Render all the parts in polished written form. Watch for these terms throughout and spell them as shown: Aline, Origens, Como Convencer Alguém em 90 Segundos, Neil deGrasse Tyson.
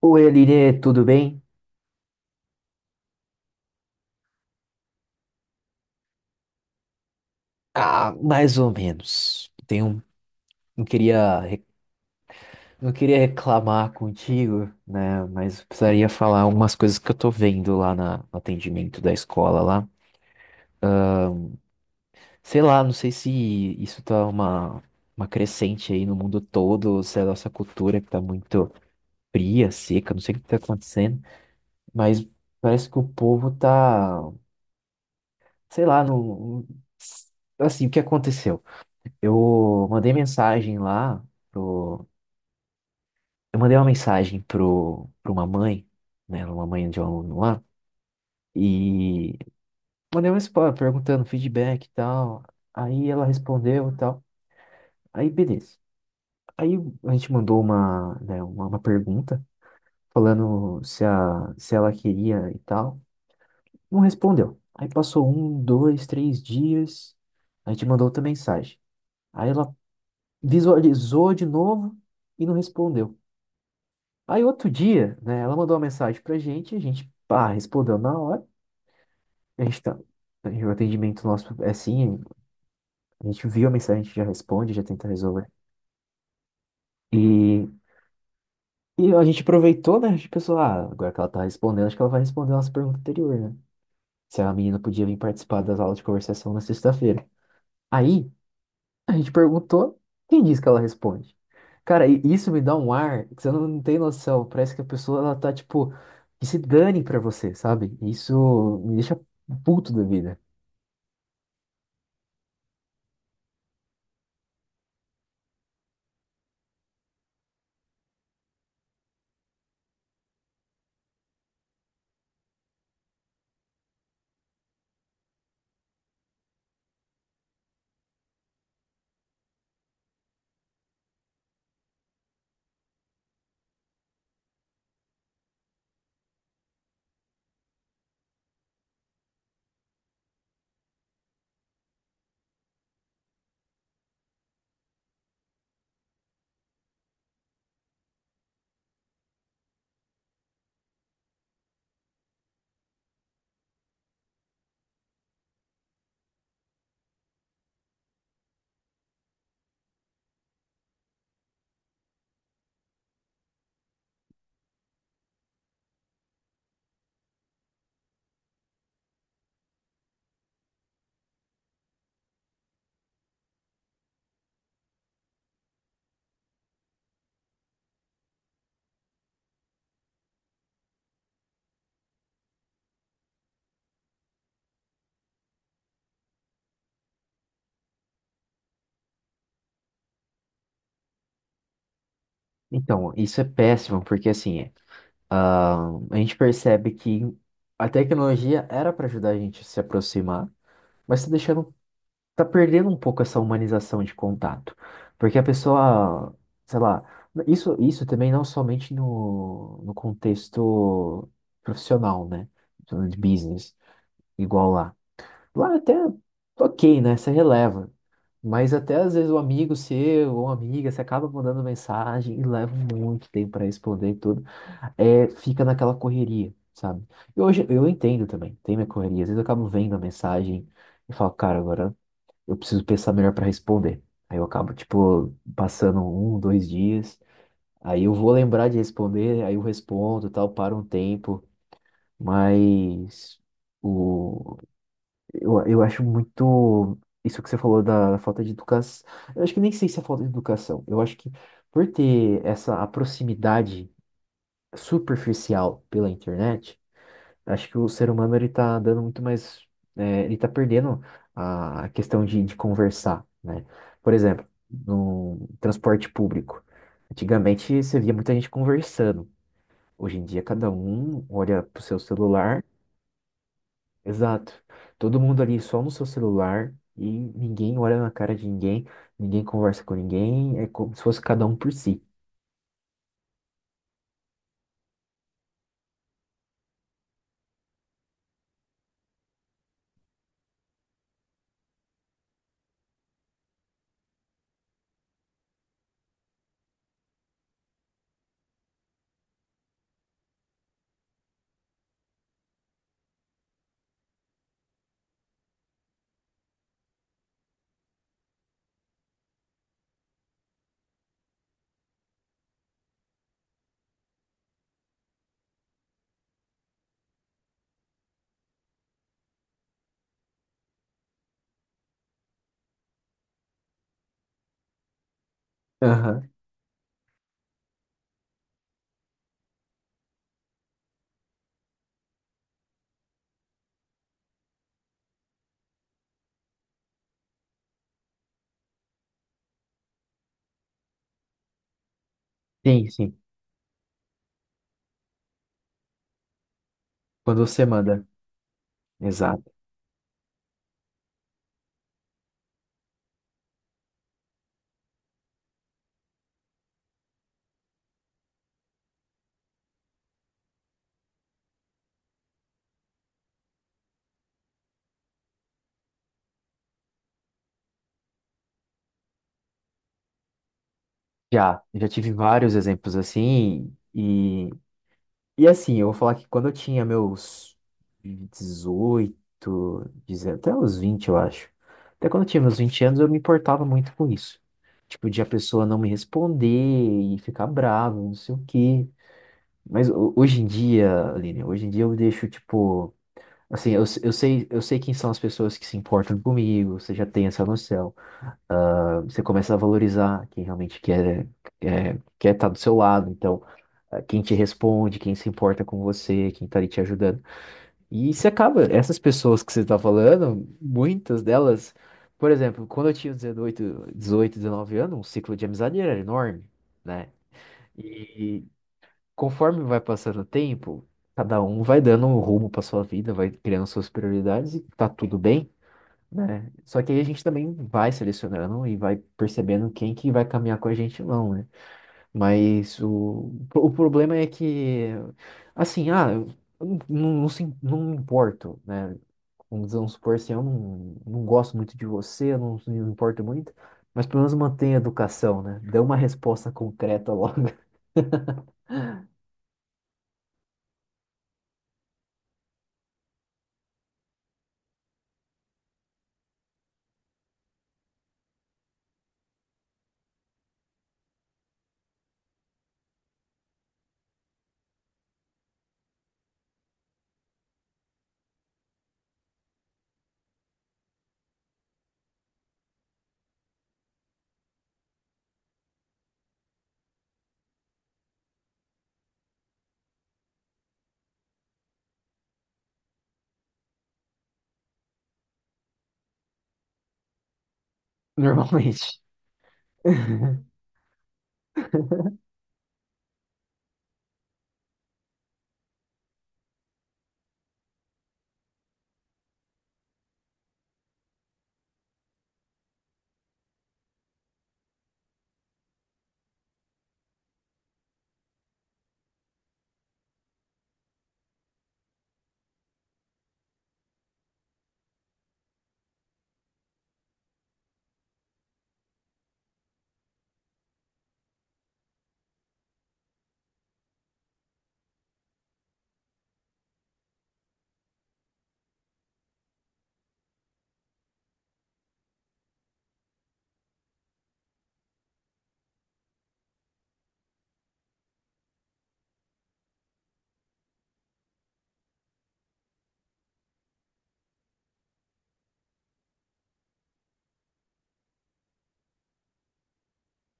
Oi, Aline, tudo bem? Ah, mais ou menos. Tenho, não queria, re- não queria reclamar contigo, né? Mas precisaria falar umas coisas que eu tô vendo lá no atendimento da escola lá. Sei lá, não sei se isso tá uma crescente aí no mundo todo, ou se é a nossa cultura que tá muito fria, seca, não sei o que tá acontecendo, mas parece que o povo tá, sei lá, assim, o que aconteceu? Eu mandei mensagem lá. Eu mandei uma mensagem pra uma mãe, né? Uma mãe de um aluno lá, e mandei uma resposta perguntando feedback e tal. Aí ela respondeu e tal. Aí beleza. Aí a gente mandou uma, né, uma pergunta falando se ela queria e tal. Não respondeu. Aí passou um, dois, três dias. A gente mandou outra mensagem. Aí ela visualizou de novo e não respondeu. Aí outro dia, né, ela mandou uma mensagem pra gente, a gente, pá, respondeu na hora. A gente tá, o atendimento nosso é assim, a gente viu a mensagem, a gente já responde, já tenta resolver. E, e a gente aproveitou, né? A gente pensou, ah, agora que ela tá respondendo, acho que ela vai responder a nossa pergunta anterior, né? Se a menina podia vir participar das aulas de conversação na sexta-feira. Aí, a gente perguntou, quem disse que ela responde? Cara, e isso me dá um ar que você não tem noção. Parece que a pessoa, ela tá, tipo, que se dane pra você, sabe? Isso me deixa puto da vida. Então, isso é péssimo, porque assim, ah, a gente percebe que a tecnologia era para ajudar a gente a se aproximar, mas está deixando, tá perdendo um pouco essa humanização de contato, porque a pessoa, sei lá, isso também não somente no contexto profissional, né, de business, igual lá. Lá é até ok, né, você releva, mas até às vezes o amigo seu ou amiga, você acaba mandando mensagem e leva muito tempo para responder e tudo é, fica naquela correria, sabe? E hoje eu entendo também, tem minha correria. Às vezes eu acabo vendo a mensagem e falo, cara, agora eu preciso pensar melhor para responder. Aí eu acabo, tipo, passando um, dois dias, aí eu vou lembrar de responder, aí eu respondo, e tal, para um tempo, mas o, eu acho muito. Isso que você falou da falta de educação. Eu acho que nem sei se é falta de educação. Eu acho que por ter essa a proximidade superficial pela internet, acho que o ser humano ele tá dando muito mais, é, ele tá perdendo a questão de conversar, né? Por exemplo, no transporte público. Antigamente você via muita gente conversando. Hoje em dia cada um olha pro seu celular. Exato. Todo mundo ali só no seu celular e ninguém olha na cara de ninguém, ninguém conversa com ninguém, é como se fosse cada um por si. Aham. Sim, sim. Quando você manda. Exato. Já, já tive vários exemplos assim, e assim, eu vou falar que quando eu tinha meus 18 19, até os 20 eu acho. Até quando eu tinha meus 20 anos, eu me importava muito com isso. Tipo, de a pessoa não me responder e ficar brava, não sei o quê. Mas hoje em dia, Aline, hoje em dia eu deixo, tipo. Assim, eu sei quem são as pessoas que se importam comigo, você já tem essa noção. Ah, você começa a valorizar quem realmente quer, quer estar do seu lado. Então ah, quem te responde, quem se importa com você, quem tá ali te ajudando. E você acaba, essas pessoas que você tá falando, muitas delas, por exemplo, quando eu tinha 18, 18, 19 anos, o ciclo de amizade era enorme, né? E conforme vai passando o tempo, cada um vai dando um rumo pra sua vida, vai criando suas prioridades e tá tudo bem. Né? Só que aí a gente também vai selecionando e vai percebendo quem que vai caminhar com a gente ou não, né? Mas o problema é que, assim, ah, eu não me importo, né? Vamos dizer, vamos supor assim, eu não gosto muito de você, eu não me importo muito, mas pelo menos mantenha a educação, né? Dê uma resposta concreta logo, normalmente.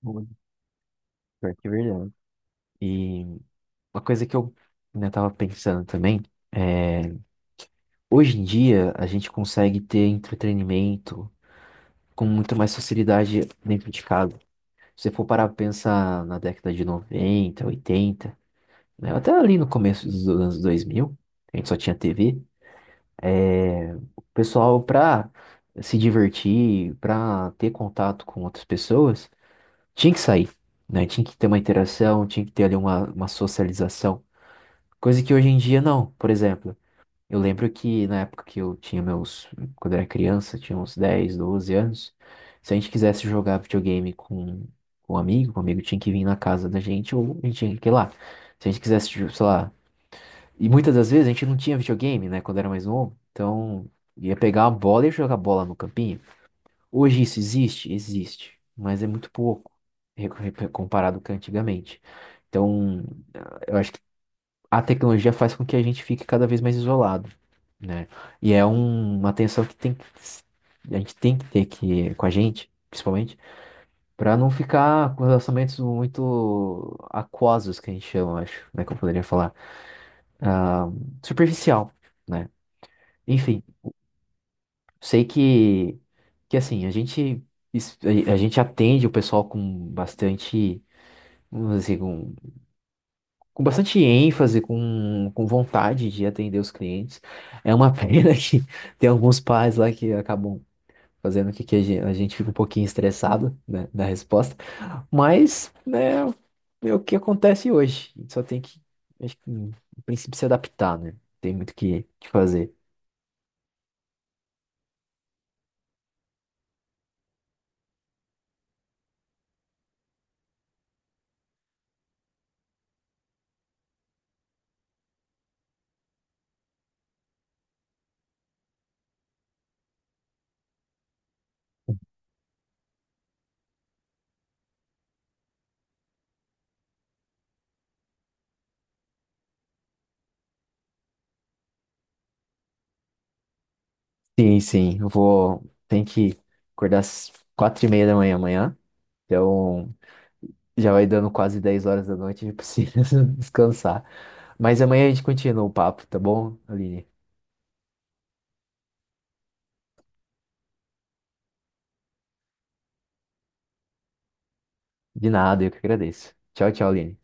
Muito, pior que é verdade. E uma coisa que eu, né, tava pensando também é, hoje em dia a gente consegue ter entretenimento com muito mais facilidade dentro de casa. Se você for parar pra pensar na década de 90, 80, né, até ali no começo dos anos 2000, a gente só tinha TV, é, o pessoal, pra se divertir, pra ter contato com outras pessoas, tinha que sair, né? Tinha que ter uma interação, tinha que ter ali uma, socialização. Coisa que hoje em dia não. Por exemplo, eu lembro que na época que eu tinha meus. Quando eu era criança, tinha uns 10, 12 anos. Se a gente quisesse jogar videogame com um amigo, o amigo tinha que vir na casa da gente ou a gente tinha que ir lá. Se a gente quisesse, tipo, sei lá. E muitas das vezes a gente não tinha videogame, né, quando era mais novo. Então ia pegar a bola e jogar bola no campinho. Hoje isso existe? Existe. Mas é muito pouco comparado com antigamente. Então a tecnologia faz com que a gente fique cada vez mais isolado, né? E é uma tensão que tem que, a gente tem que ter que, com a gente, principalmente, para não ficar com relacionamentos muito aquosos, que a gente chama, acho, né? Que eu poderia falar. Ah, superficial, né? Enfim, sei que assim, a gente, es- a gente atende o pessoal com bastante, vamos dizer, assim, com bastante ênfase, com vontade de atender os clientes. É uma pena que tem alguns pais lá que acabam fazendo com que a gente fique um pouquinho estressado, né, da resposta. Mas, né, é o que acontece hoje. A gente só tem que, acho que, no princípio, se adaptar, né? Tem muito o que que fazer. Sim, sim, eu vou. Tem que acordar às 4:30 da manhã amanhã. Então, já vai dando quase 10 horas da noite, eu preciso descansar. Mas amanhã a gente continua o papo, tá bom, Aline? De nada, eu que agradeço. Tchau, tchau, Aline.